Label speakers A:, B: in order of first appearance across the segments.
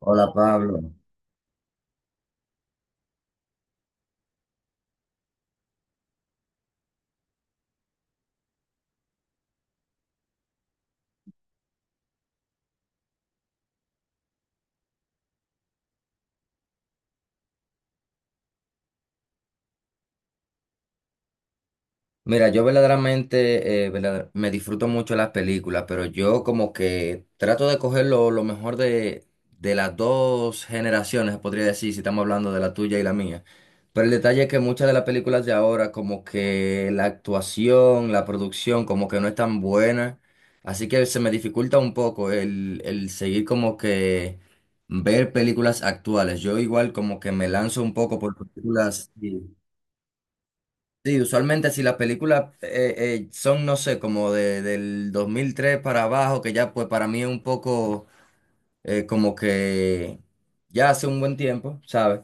A: Hola Pablo. Mira, yo verdaderamente me disfruto mucho las películas, pero yo como que trato de coger lo mejor de las dos generaciones, podría decir, si estamos hablando de la tuya y la mía. Pero el detalle es que muchas de las películas de ahora, como que la actuación, la producción, como que no es tan buena. Así que se me dificulta un poco el seguir como que ver películas actuales. Yo igual como que me lanzo un poco por películas. Sí, usualmente si las películas son, no sé, como de, del 2003 para abajo, que ya pues para mí es un poco como que ya hace un buen tiempo, ¿sabes?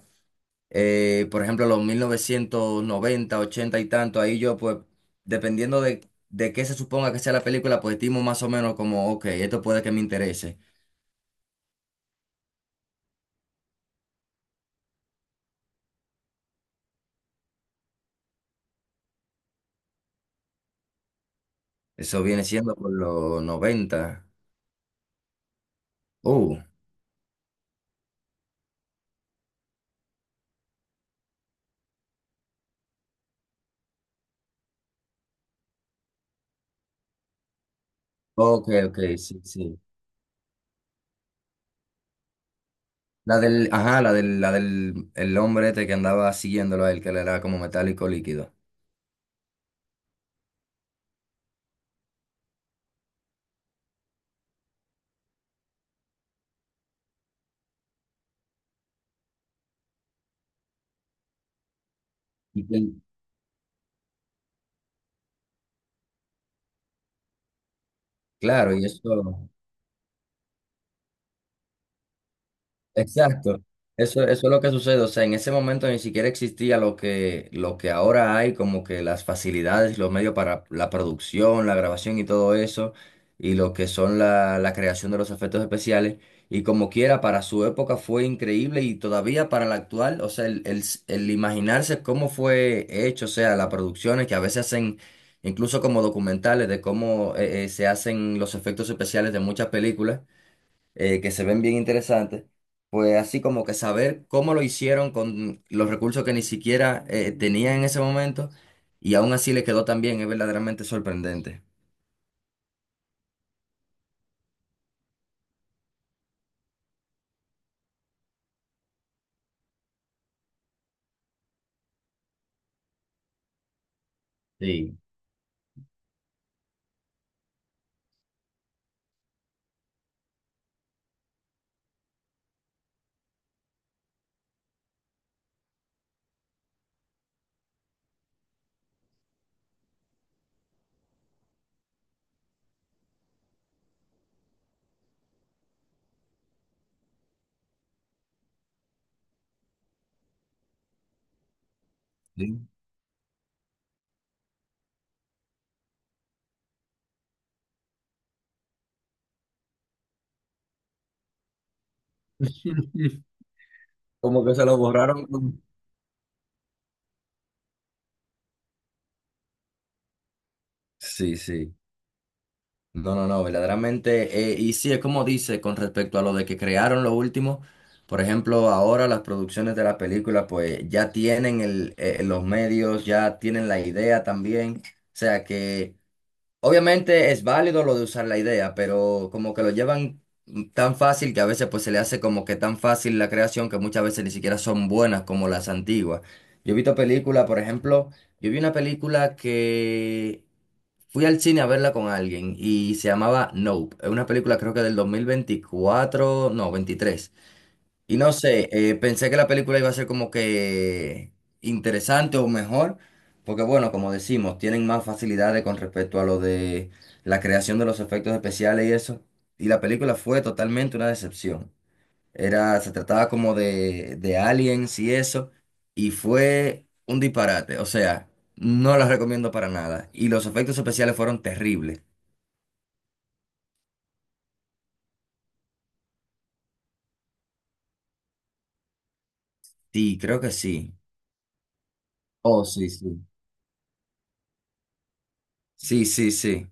A: Por ejemplo, los 1990 80 y tanto, ahí yo pues, dependiendo de qué se suponga que sea la película, pues estimo más o menos como, ok, esto puede que me interese. Eso viene siendo por los noventa. Uh, ok, ok, sí, sí. La del, ajá, la del el hombre este que andaba siguiéndolo a él, que le era como metálico líquido. Y que- claro, y eso. Exacto. Eso es lo que sucede. O sea, en ese momento ni siquiera existía lo que ahora hay, como que las facilidades, los medios para la producción, la grabación y todo eso, y lo que son la creación de los efectos especiales. Y como quiera, para su época fue increíble y todavía para la actual, o sea, el imaginarse cómo fue hecho, o sea, las producciones que a veces hacen, incluso como documentales de cómo se hacen los efectos especiales de muchas películas que se ven bien interesantes, pues así como que saber cómo lo hicieron con los recursos que ni siquiera tenían en ese momento y aún así le quedó tan bien, es verdaderamente sorprendente. Sí. Sí. Como que se lo borraron. Sí, sí. No, no, no, verdaderamente. Y sí, es como dice con respecto a lo de que crearon lo último. Por ejemplo, ahora las producciones de la película, pues ya tienen el, los medios, ya tienen la idea también. O sea que obviamente es válido lo de usar la idea, pero como que lo llevan tan fácil que a veces pues se le hace como que tan fácil la creación que muchas veces ni siquiera son buenas como las antiguas. Yo he visto películas, por ejemplo, yo vi una película que fui al cine a verla con alguien y se llamaba Nope. Es una película creo que del 2024, no, 23. Y no sé, pensé que la película iba a ser como que interesante o mejor, porque bueno, como decimos, tienen más facilidades con respecto a lo de la creación de los efectos especiales y eso. Y la película fue totalmente una decepción. Era, se trataba como de aliens y eso, y fue un disparate. O sea, no la recomiendo para nada. Y los efectos especiales fueron terribles. Sí, creo que sí. Oh, sí, sí. Sí, sí, sí.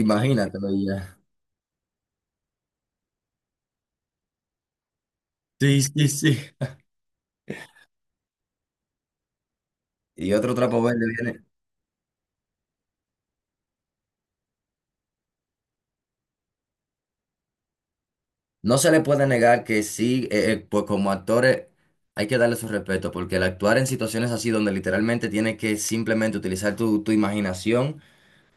A: Imagínatelo ya. Sí, sí, sí. Y otro trapo verde viene. No se le puede negar que sí, pues como actores hay que darle su respeto, porque el actuar en situaciones así donde literalmente tienes que simplemente utilizar tu imaginación,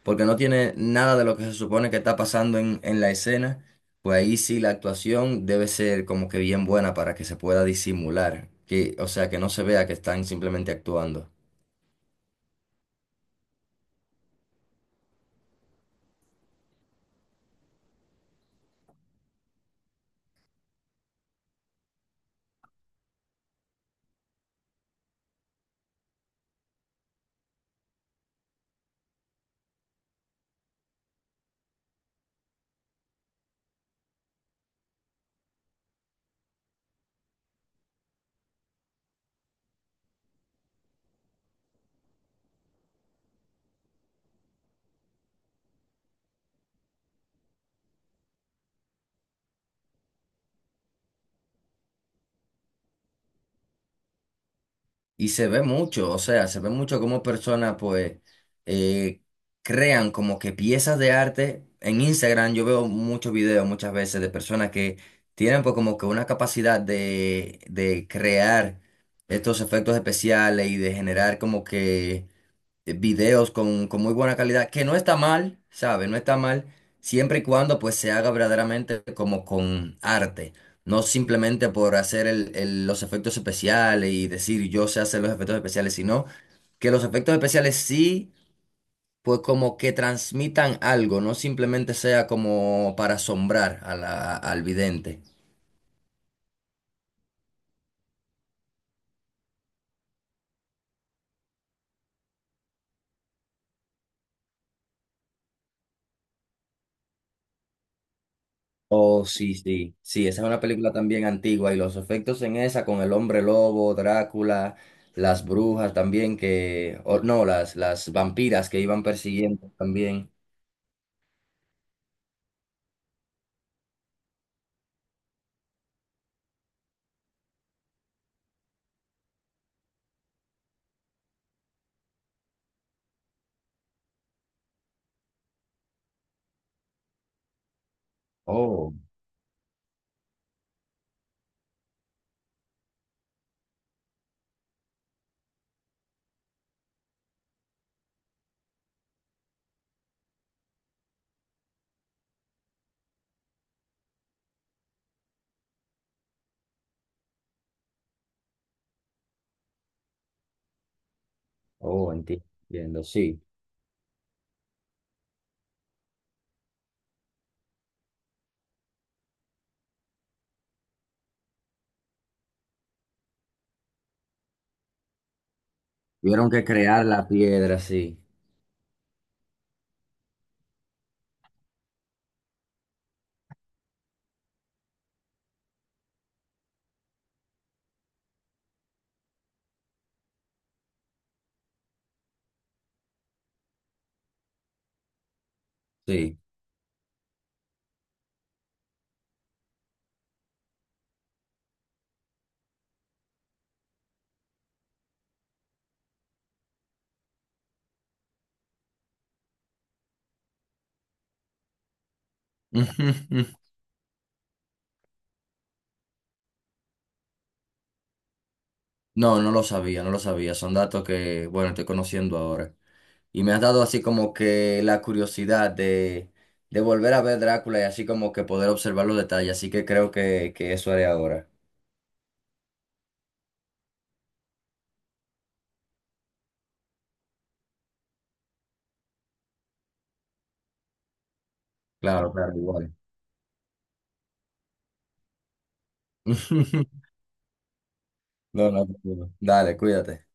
A: porque no tiene nada de lo que se supone que está pasando en la escena, pues ahí sí la actuación debe ser como que bien buena para que se pueda disimular, que, o sea, que no se vea que están simplemente actuando. Y se ve mucho, o sea, se ve mucho cómo personas pues eh, crean como que piezas de arte. En Instagram yo veo muchos videos muchas veces de personas que tienen pues como que una capacidad de crear estos efectos especiales y de generar como que videos con muy buena calidad, que no está mal, ¿sabes? No está mal, siempre y cuando pues se haga verdaderamente como con arte, no simplemente por hacer los efectos especiales y decir yo sé hacer los efectos especiales, sino que los efectos especiales sí, pues como que transmitan algo, no simplemente sea como para asombrar a al vidente. Oh, sí, sí, sí, esa es una película también antigua y los efectos en esa con el hombre lobo, Drácula, las brujas también que, o no, las vampiras que iban persiguiendo también. Oh, oh, enti- entiendo, sí. Tuvieron que crear la piedra, sí, sí. No, no lo sabía, no lo sabía, son datos que, bueno, estoy conociendo ahora. Y me has dado así como que la curiosidad de volver a ver Drácula y así como que poder observar los detalles. Así que creo que eso haré ahora. Claro, claro, igual. No, no, no. Dale, cuídate.